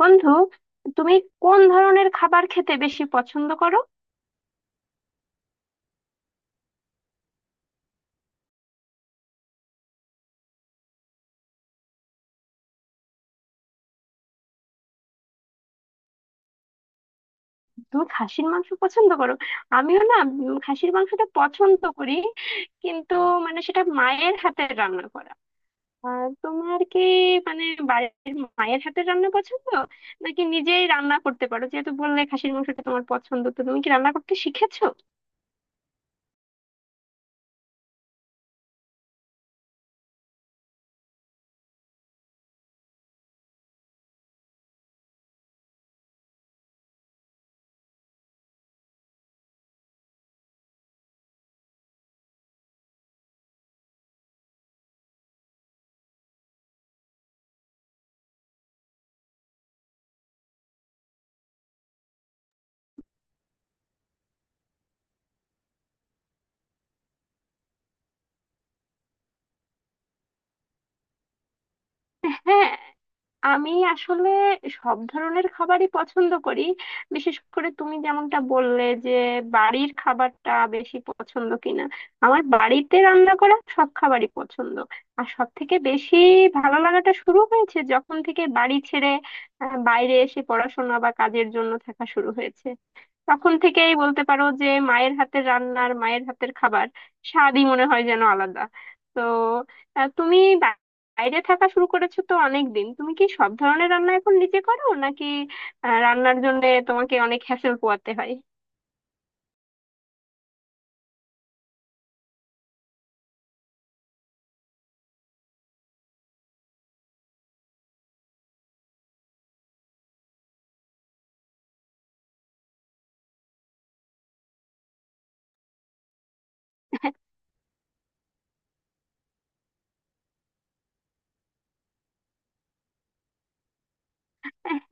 বন্ধু, তুমি কোন ধরনের খাবার খেতে বেশি পছন্দ করো? তুমি খাসির মাংস পছন্দ করো? আমিও না, খাসির মাংসটা পছন্দ করি। কিন্তু মানে সেটা মায়ের হাতের রান্না করা। আর তোমার কি মানে বাড়ির, মায়ের হাতের রান্না পছন্দ, নাকি নিজেই রান্না করতে পারো? যেহেতু বললে খাসির মাংসটা তোমার পছন্দ, তো তুমি কি রান্না করতে শিখেছো? হ্যাঁ, আমি আসলে সব ধরনের খাবারই পছন্দ করি। বিশেষ করে তুমি যেমনটা বললে যে বাড়ির খাবারটা বেশি পছন্দ কিনা, আমার বাড়িতে রান্না করা সব খাবারই পছন্দ। আর সব থেকে বেশি ভালো লাগাটা শুরু হয়েছে যখন থেকে বাড়ি ছেড়ে বাইরে এসে পড়াশোনা বা কাজের জন্য থাকা শুরু হয়েছে। তখন থেকেই বলতে পারো যে মায়ের হাতের রান্নার, মায়ের হাতের খাবার স্বাদই মনে হয় যেন আলাদা। তো তুমি বাইরে থাকা শুরু করেছো তো অনেক দিন, তুমি কি সব ধরনের রান্না এখন নিজে করো, নাকি রান্নার জন্য তোমাকে অনেক হ্যাসেল পোয়াতে হয়?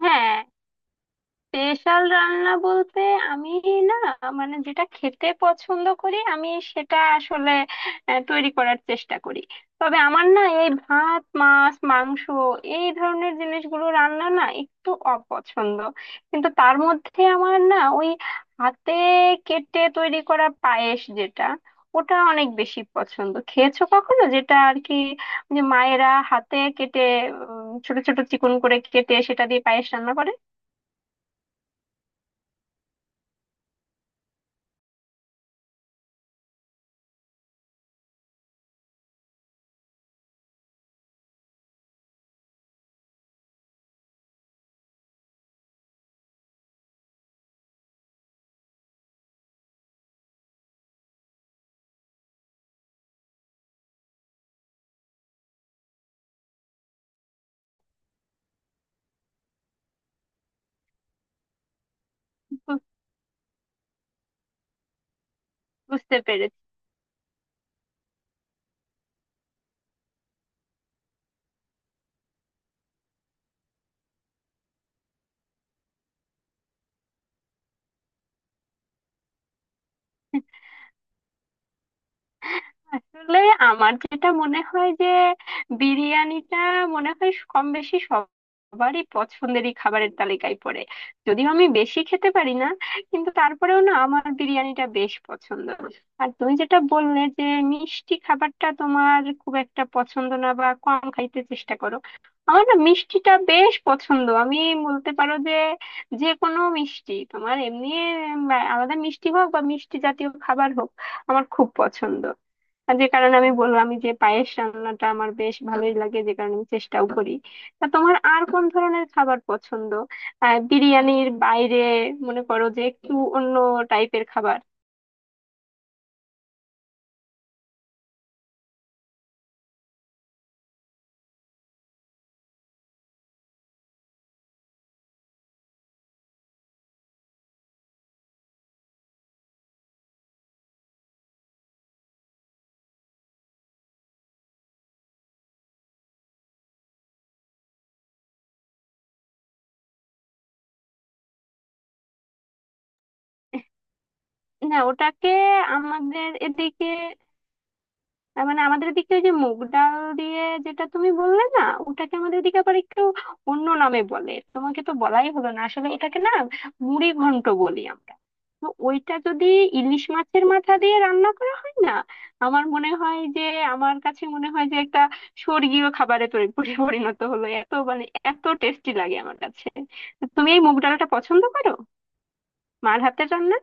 হ্যাঁ, স্পেশাল রান্না বলতে আমি, না মানে যেটা খেতে পছন্দ করি আমি, সেটা আসলে তৈরি করার চেষ্টা করি। তবে আমার না এই ভাত মাছ মাংস এই ধরনের জিনিসগুলো রান্না না একটু অপছন্দ। কিন্তু তার মধ্যে আমার না ওই হাতে কেটে তৈরি করা পায়েস, যেটা ওটা অনেক বেশি পছন্দ। খেয়েছো কখনো, যেটা আর কি, যে মায়েরা হাতে কেটে ছোট ছোট চিকন করে কেটে সেটা দিয়ে পায়েস রান্না করে? বুঝতে পেরেছি। আসলে আমার যেটা মনে হয় যে বিরিয়ানিটা মনে হয় কম বেশি সবারই পছন্দেরই খাবারের তালিকায় পড়ে। যদিও আমি বেশি খেতে পারি না, কিন্তু তারপরেও না আমার বিরিয়ানিটা বেশ পছন্দ। আর তুমি যেটা বললে যে মিষ্টি খাবারটা তোমার খুব একটা পছন্দ না বা কম খাইতে চেষ্টা করো, আমার না মিষ্টিটা বেশ পছন্দ। আমি বলতে পারো যে যে কোনো মিষ্টি, তোমার এমনি আলাদা মিষ্টি হোক বা মিষ্টি জাতীয় খাবার হোক, আমার খুব পছন্দ। আর যে কারণে আমি বললাম আমি যে পায়েস রান্নাটা আমার বেশ ভালোই লাগে, যে কারণে আমি চেষ্টাও করি। তা তোমার আর কোন ধরনের খাবার পছন্দ, আহ, বিরিয়ানির বাইরে? মনে করো যে একটু অন্য টাইপের খাবার। না, ওটাকে আমাদের এদিকে, তার মানে আমাদের দিকে ওই যে মুগ ডাল দিয়ে যেটা তুমি বললে না, ওটাকে আমাদের দিকে আবার একটু অন্য নামে বলে। তোমাকে তো বলাই হলো না, আসলে ওটাকে না মুড়ি ঘন্ট বলি আমরা। তো ওইটা যদি ইলিশ মাছের মাথা দিয়ে রান্না করা হয় না, আমার মনে হয় যে, আমার কাছে মনে হয় যে একটা স্বর্গীয় খাবারে পরিণত হলো। এত মানে এত টেস্টি লাগে আমার কাছে। তুমি এই মুগ ডালটা পছন্দ করো, মার হাতের রান্না?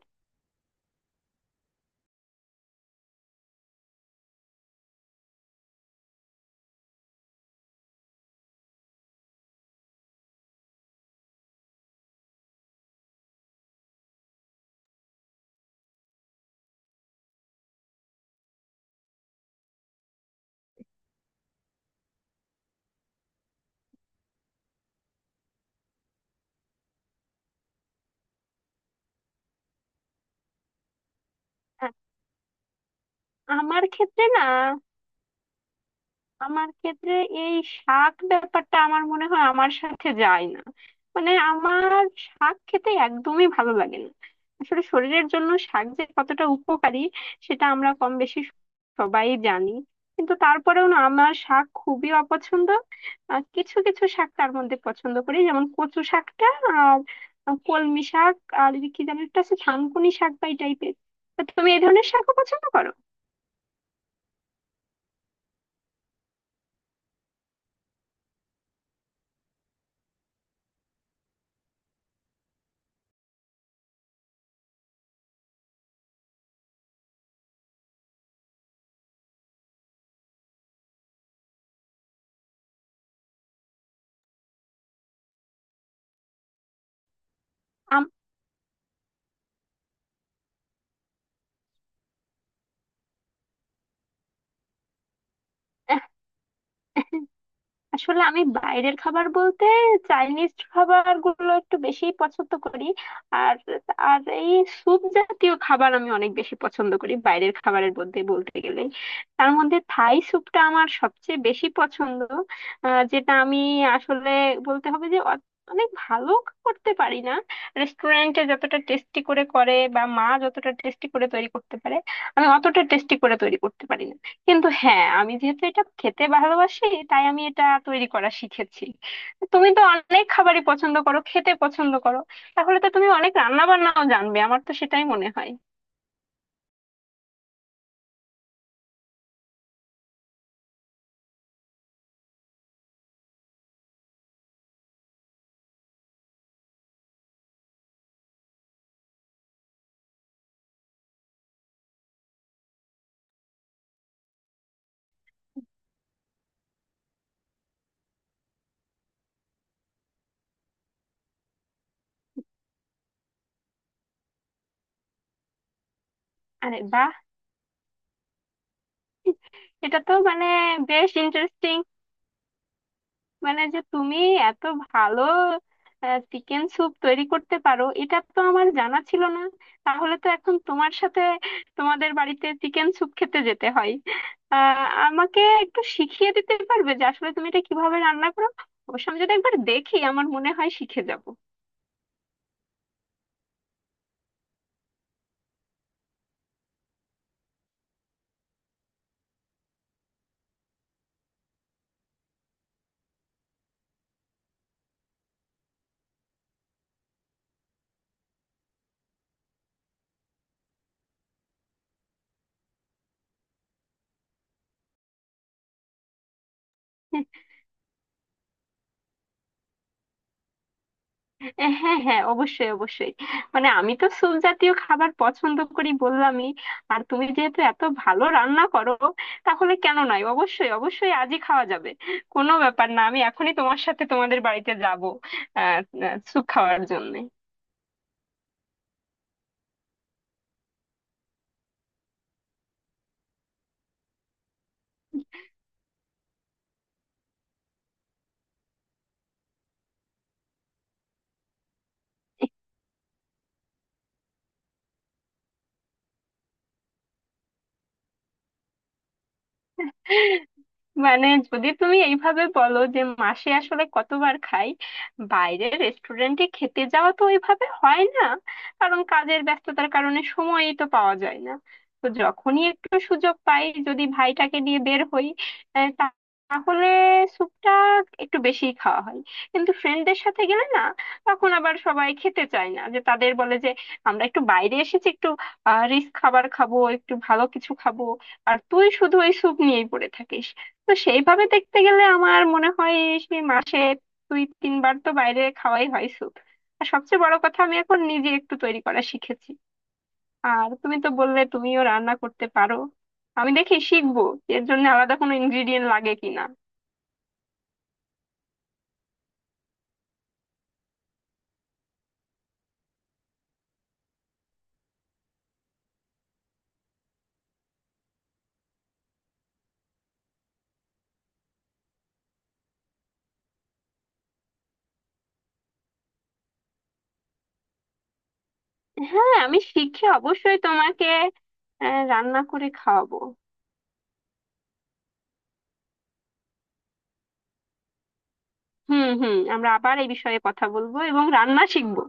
আ- আমার ক্ষেত্রে না, আমার ক্ষেত্রে এই শাক ব্যাপারটা আমার মনে হয় আমার সাথে যায় না। মানে আমার শাক খেতে একদমই ভালো লাগে না। আসলে শরীরের জন্য শাক যে কতটা উপকারী, সেটা আমরা কম বেশি সবাই জানি। কিন্তু তারপরেও না আমার শাক খুবই অপছন্দ। কিছু কিছু শাক তার মধ্যে পছন্দ করি যেমন কচু শাকটা আর কলমি শাক, আর এই কি যেন একটা আছে থানকুনি শাক বা এই টাইপের। তুমি এই ধরনের শাকও পছন্দ করো? আম- আসলে আমি বাইরের খাবার বলতে চাইনিজ খাবার গুলো একটু বেশি পছন্দ করি। আর, আর এই স্যুপ জাতীয় খাবার আমি অনেক বেশি পছন্দ করি বাইরের খাবারের মধ্যে বলতে গেলে। তার মধ্যে থাই স্যুপটা আমার সবচেয়ে বেশি পছন্দ। যেটা আমি আসলে বলতে হবে যে অনেক ভালো করতে পারি না। রেস্টুরেন্টে যতটা টেস্টি করে করে বা মা যতটা টেস্টি করে তৈরি করতে পারে, আমি অতটা টেস্টি করে তৈরি করতে পারি না। কিন্তু হ্যাঁ, আমি যেহেতু এটা খেতে ভালোবাসি তাই আমি এটা তৈরি করা শিখেছি। তুমি তো অনেক খাবারই পছন্দ করো, খেতে পছন্দ করো, তাহলে তো তুমি অনেক রান্না বান্নাও জানবে, আমার তো সেটাই মনে হয়। আরে বাহ, এটা তো মানে বেশ ইন্টারেস্টিং। মানে যে তুমি এত ভালো চিকেন স্যুপ তৈরি করতে পারো, এটা তো আমার জানা ছিল না। তাহলে তো এখন তোমার সাথে তোমাদের বাড়িতে চিকেন স্যুপ খেতে যেতে হয়। আহ, আমাকে একটু শিখিয়ে দিতে পারবে যে আসলে তুমি এটা কিভাবে রান্না করো? অবশ্য আমি যদি একবার দেখি আমার মনে হয় শিখে যাব। এ, হ্যাঁ হ্যাঁ, অবশ্যই অবশ্যই। মানে আমি তো স্যুপ জাতীয় খাবার পছন্দ করি বললামই, আর তুমি যেহেতু এত ভালো রান্না করো, তাহলে কেন নয়, অবশ্যই অবশ্যই আজই খাওয়া যাবে। কোনো ব্যাপার না, আমি এখনই তোমার সাথে তোমাদের বাড়িতে যাব, আহ, স্যুপ খাওয়ার জন্য। মানে যদি তুমি এইভাবে বলো যে মাসে আসলে কতবার খাই, বাইরের রেস্টুরেন্টে খেতে যাওয়া তো ওইভাবে হয় না, কারণ কাজের ব্যস্ততার কারণে সময়ই তো পাওয়া যায় না। তো যখনই একটু সুযোগ পাই, যদি ভাইটাকে নিয়ে বের হই, আহ, তা- তাহলে স্যুপটা একটু বেশি খাওয়া হয়। কিন্তু ফ্রেন্ডদের সাথে গেলে না তখন আবার সবাই খেতে চায় না, যে তাদের বলে যে আমরা একটু বাইরে এসেছি, একটু রিস্ক খাবার খাবো, একটু ভালো কিছু খাবো, আর তুই শুধু ওই স্যুপ নিয়েই পড়ে থাকিস। তো সেইভাবে দেখতে গেলে আমার মনে হয় সেই মাসে দুই তিনবার তো বাইরে খাওয়াই হয় স্যুপ। আর সবচেয়ে বড় কথা আমি এখন নিজে একটু তৈরি করা শিখেছি। আর তুমি তো বললে তুমিও রান্না করতে পারো, আমি দেখি শিখবো, এর জন্য আলাদা কোনো ইনগ্রিডিয়েন্ট লাগে কিনা। হ্যাঁ, আমি শিখে অবশ্যই তোমাকে রান্না করে খাওয়াবো। হুম হুম, আমরা আবার এই বিষয়ে কথা বলবো এবং রান্না শিখবো।